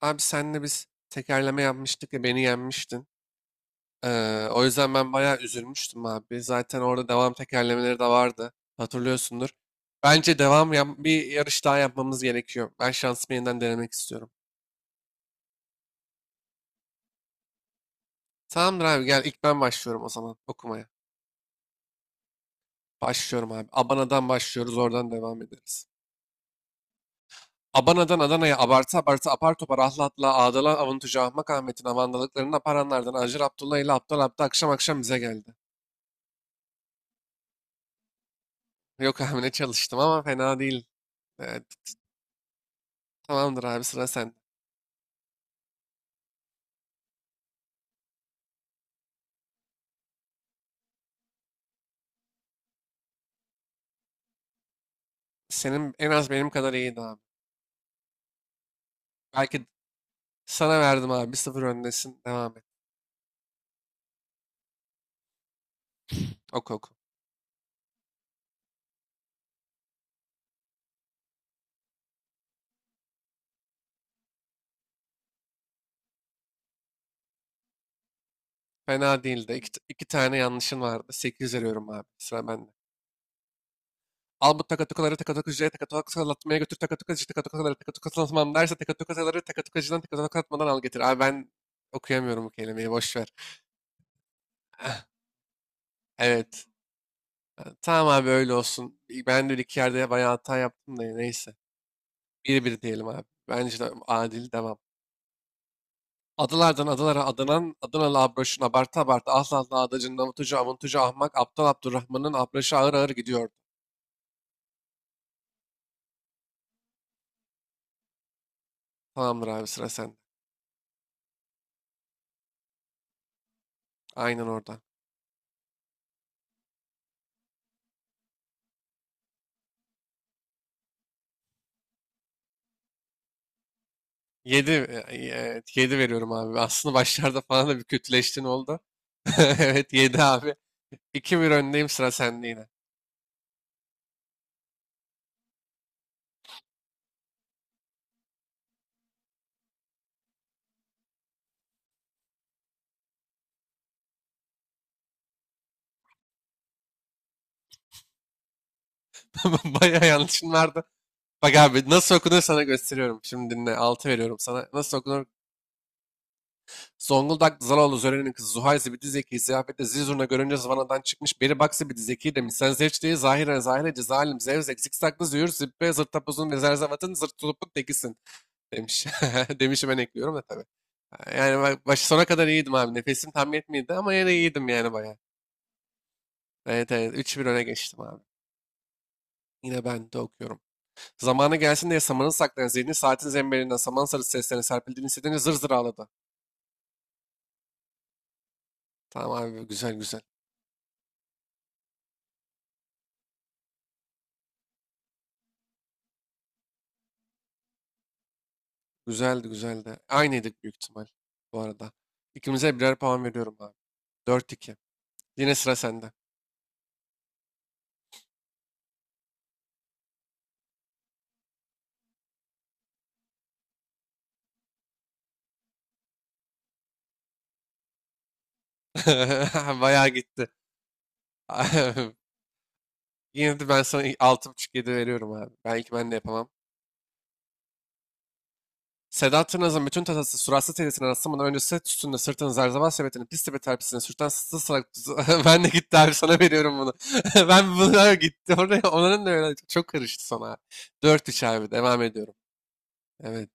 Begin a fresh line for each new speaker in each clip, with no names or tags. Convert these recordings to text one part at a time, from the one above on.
Abi senle biz tekerleme yapmıştık ya beni yenmiştin. O yüzden ben bayağı üzülmüştüm abi. Zaten orada devam tekerlemeleri de vardı. Hatırlıyorsundur. Bence devam yap bir yarış daha yapmamız gerekiyor. Ben şansımı yeniden denemek istiyorum. Tamamdır abi gel ilk ben başlıyorum o zaman okumaya. Başlıyorum abi. Abana'dan başlıyoruz oradan devam ederiz. Abana'dan Adana'ya abartı abartı apar topar ahla atla ağdala avuntucu Ahmak Ahmet'in avandalıklarını aparanlardan Acır Abdullah ile Aptal Abdi akşam akşam bize geldi. Yok abi ne çalıştım ama fena değil. Evet, tamamdır abi sıra sen. Senin en az benim kadar iyiydi abi. Belki sana verdim abi. Bir sıfır öndesin. Devam et. Oku oku. Fena değildi. İki tane yanlışın vardı. Sekiz veriyorum abi. Sıra bende. Al bu takatukaları takatukucuya takatukalatmaya götür takatukatıcı takatukaları takatukalatmam derse takatukaları takatukatıcıdan takatukalatmadan al getir. Abi ben okuyamıyorum bu kelimeyi boş ver. Evet. Ha, tamam abi öyle olsun. Ben de bir iki yerde bayağı hata yaptım da neyse. Bir bir diyelim abi. Bence de adil devam. Adalardan adalara adanan, Adanalı Abraş'ın abartı abartı asla azla adacın avutucu avuntucu ahmak aptal Abdurrahman'ın Abraş'ı ağır ağır gidiyordu. Tamamdır abi sıra sende. Aynen orada. Yedi, evet, yedi veriyorum abi. Aslında başlarda falan da bir kötüleştin oldu. Evet 7 abi. 2 bir öndeyim sıra sende yine. Bayağı yanlışın vardı. Bak abi nasıl okunur sana gösteriyorum. Şimdi dinle 6 veriyorum sana. Nasıl okunur Zonguldak Zaloğlu Zören'in kızı Zuhay Zibidi Zeki'yi ziyafette zil zurna görünce zıvanadan çıkmış beri bak Zibidi Zeki'yi de misansevçliği zahire zahire cezalim zevzek zikzaklı züğür zibbe zırt tapuzun ve zerzavatın zırt tulupuk tekisin demiş. Demişi ben ekliyorum da tabii. Yani başı sona kadar iyiydim abi. Nefesim tam yetmedi ama yine iyiydim yani bayağı. Evet evet üç bir öne geçtim abi. Yine ben de okuyorum. Zamanı gelsin diye samanı saklayan zihni saatin zemberinden saman sarısı seslerine serpildiğini hissedince zır zır ağladı. Tamam abi güzel güzel. Güzeldi güzeldi. Aynıydık büyük ihtimal bu arada. İkimize birer puan veriyorum abi. Dört iki. Yine sıra sende. Bayağı gitti. Yine de ben sana altı buçuk yedi veriyorum abi. Belki ben de yapamam. Sedat Tırnaz'ın bütün tatası suratsız teyzesinin rastlamadan önce set üstünde sırtını zerzeval sepetini pis tepe terpisine sürten sızlı salak... ben de gitti abi sana veriyorum bunu. Ben bunlar gitti. Oraya, onların da öyle çok karıştı sana abi. Dört 3 abi devam ediyorum. Evet.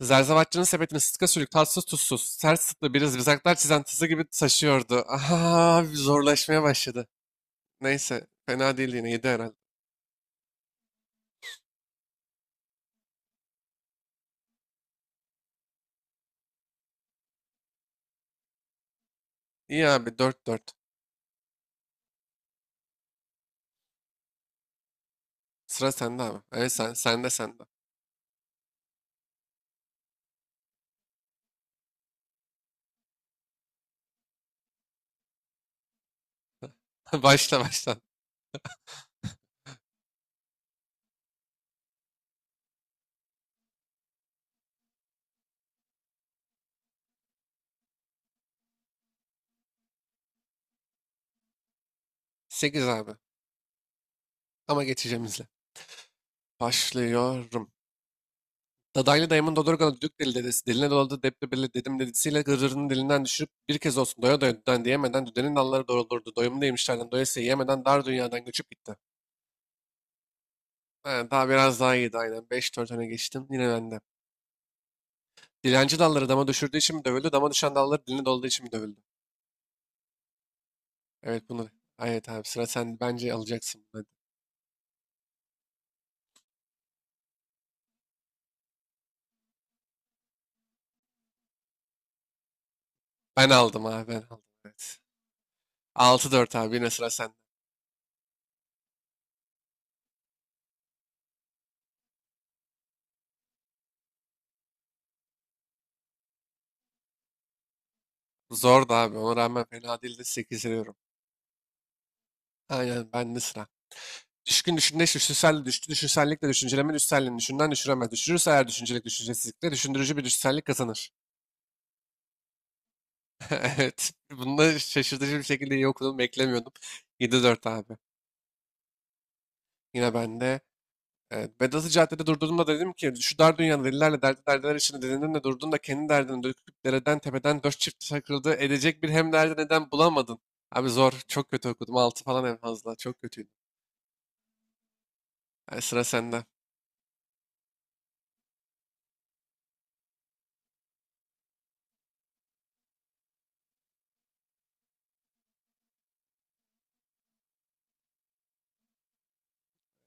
Zerzavatçının sepetini sıtka sülük, tatsız tuzsuz, ters tıklı bir zikzaklar çizen tızı gibi taşıyordu. Aha, zorlaşmaya başladı. Neyse, fena değil yine, yedi herhalde. İyi abi, dört dört. Sıra sende abi. Evet sen, sende sende. Başla başla. Sekiz abi. Ama geçeceğim izle. Başlıyorum. Dadaylı dayımın Dodurga'da düdük deli dedesi, diline doladı deptebeli dedim dedisiyle gırrının dilinden düşürüp bir kez olsun doya doya düden diyemeden düdenin dalları doğrulurdu. Doyumu demişlerden doyasıya yemeden dar dünyadan göçüp gitti. Ha, daha biraz daha iyiydi aynen. Beş dört öne geçtim yine bende. Dilenci dalları dama düşürdüğü için mi dövüldü? Dama düşen dalları diline doladığı için mi dövüldü? Evet bunu. Evet abi sıra sen bence alacaksın bunu. Ben aldım abi ben aldım. Evet. Altı dört abi yine sıra sende. Zordu abi ona rağmen fena değildi 8 veriyorum. Aynen bende sıra. Düşkün düşünce düşünsel düştü. Düşünsellik de düşünceleme düşselliğini düşünden düşüremez. Düşürürse eğer düşüncelik düşüncesizlikle düşündürücü bir düşünsellik kazanır. Evet. Bunda şaşırtıcı bir şekilde iyi okudum. Beklemiyordum. Yedi dört abi. Yine bende. Evet. Vedat'ı caddede durduğumda dedim ki şu dar dünyada delilerle dertli derdiler içinde delinin de durdun da kendi derdini döküp dereden tepeden dört çift takıldı edecek bir hem derdi neden bulamadın. Abi zor. Çok kötü okudum. Altı falan en fazla. Çok kötüydü. Yani sıra sende.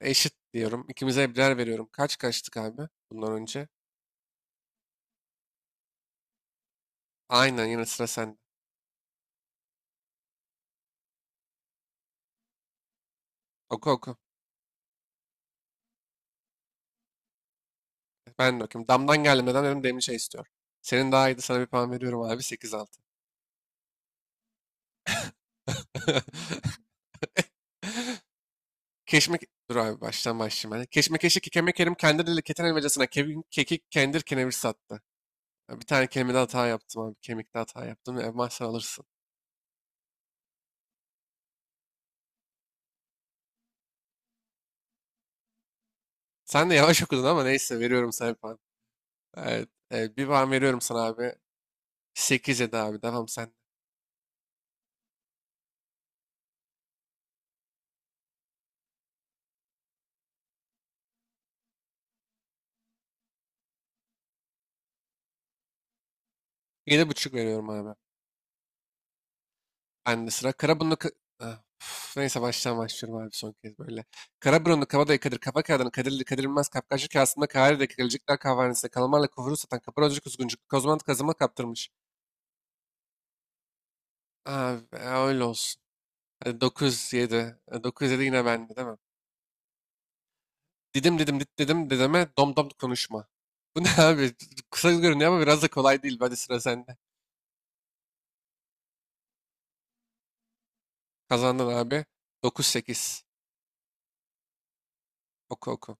Eşit diyorum. İkimize birer veriyorum. Kaç kaçtık abi bundan önce? Aynen yine sıra sende. Oku oku. Ben de okuyayım. Damdan geldim. Neden dedim demli çay istiyor. Senin daha iyiydi. Sana bir puan veriyorum abi. Sekiz altı. keşme Dur abi baştan başlayayım ben. Keşmekeşi kekeme kerim kendi dili keten elmacasına kevin kekik kendir kenevir sattı. Ya bir tane kelimede hata yaptım abi. Kemikte hata yaptım. Elmas sen alırsın. Sen de yavaş okudun ama neyse veriyorum sana bir puan. Evet. Bir puan veriyorum sana abi. 8-7 abi. Devam sen. Yedi buçuk veriyorum abi. Ben de sıra. Karaburunlu... Ka- Ah, üf, Neyse baştan başlıyorum abi son kez böyle. Karaburunlu kabadayı Kadir kafa kağıdını Kadirli Kadir Bilmez kapkaçlı kasımda Kahire'deki Galecikler kahvehanesinde kalamarla kuvuru satan kaparozcu kuzguncuk kozmant kazıma kaptırmış. Abi öyle olsun. Hadi 9-7. 9-7 yine bende değil mi? Didim didim dit dedim dedeme dom dom konuşma. Bu ne abi? Kısa görünüyor ama biraz da kolay değil. Hadi sıra sende. Kazandın abi. 9-8. Oku oku.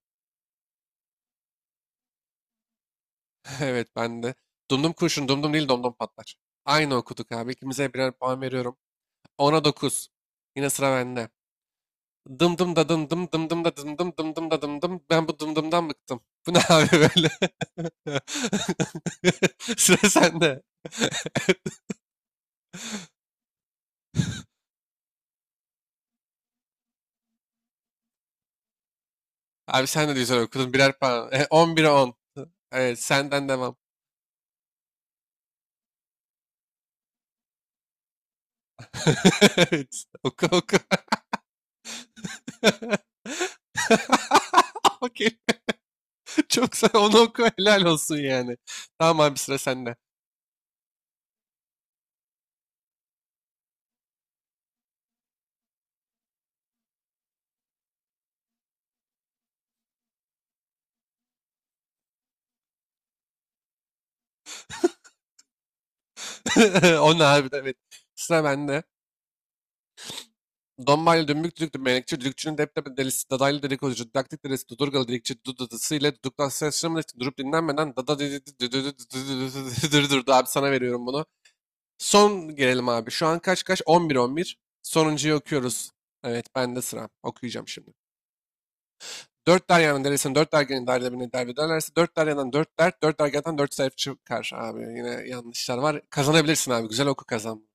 Evet ben de. Dumdum kurşun dumdum değil domdom patlar. Aynı okuduk abi. İkimize birer puan veriyorum. Ona dokuz. Yine sıra bende. Dım dım da dım dım dım dım da dım dım dım dım da dım dım. Ben bu dım dımdan bıktım. Bu ne abi böyle? Sıra sende. Abi sen de güzel okudun. Birer puan. 11'e on. Evet senden devam. Evet. Oku oku. Okey. Çok sen onu oku helal olsun yani. Tamam abi sıra sende. Onu harbiden evet. Sıra bende. Dombaylı dümbük düdüklü melekçi, düdükçünün depremi delisi, dadaylı dedikoducu, didaktik delisi, dudurgalı dedikçi, dudadısı ile duduktan ses çıkmadığı için durup dinlenmeden dada durdu. Abi sana veriyorum bunu. Son gelelim abi. Şu an kaç kaç? 11-11. Sonuncuyu okuyoruz. Evet bende sıra. Okuyacağım şimdi. Dört deryanın deresini dört dergenin derdebine derbederlerse dört deryadan dört dert, dört dergadan dört sayfa çıkar abi. Yine yanlışlar var. Kazanabilirsin abi. Güzel oku kazan.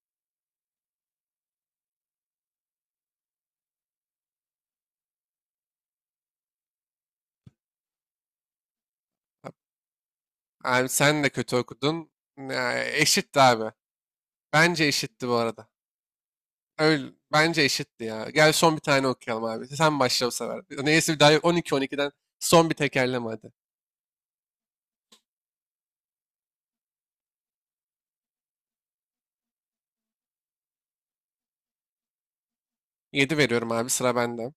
Abi sen de kötü okudun. Ya, eşitti abi. Bence eşitti bu arada. Öyle, bence eşitti ya. Gel son bir tane okuyalım abi. Sen başla bu sefer. Neyse bir daha yok. 12-12'den son bir tekerleme hadi. Yedi veriyorum abi sıra bende.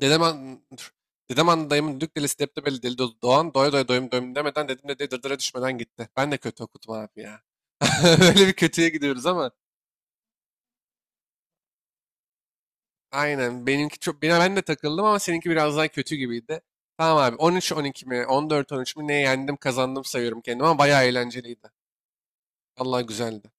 Dedem an... dur. Dedem anlı dayımın düdük delisi deptebeli deli dolu doğan doya doya doyum doyum demeden dedim de dırdıra düşmeden gitti. Ben de kötü okudum abi ya. Böyle bir kötüye gidiyoruz ama aynen. Benimki çok ben de takıldım ama seninki biraz daha kötü gibiydi. Tamam abi. 13-12 mi? 14-13 mi? Ne yendim, kazandım sayıyorum kendimi ama bayağı eğlenceliydi. Allah güzeldi.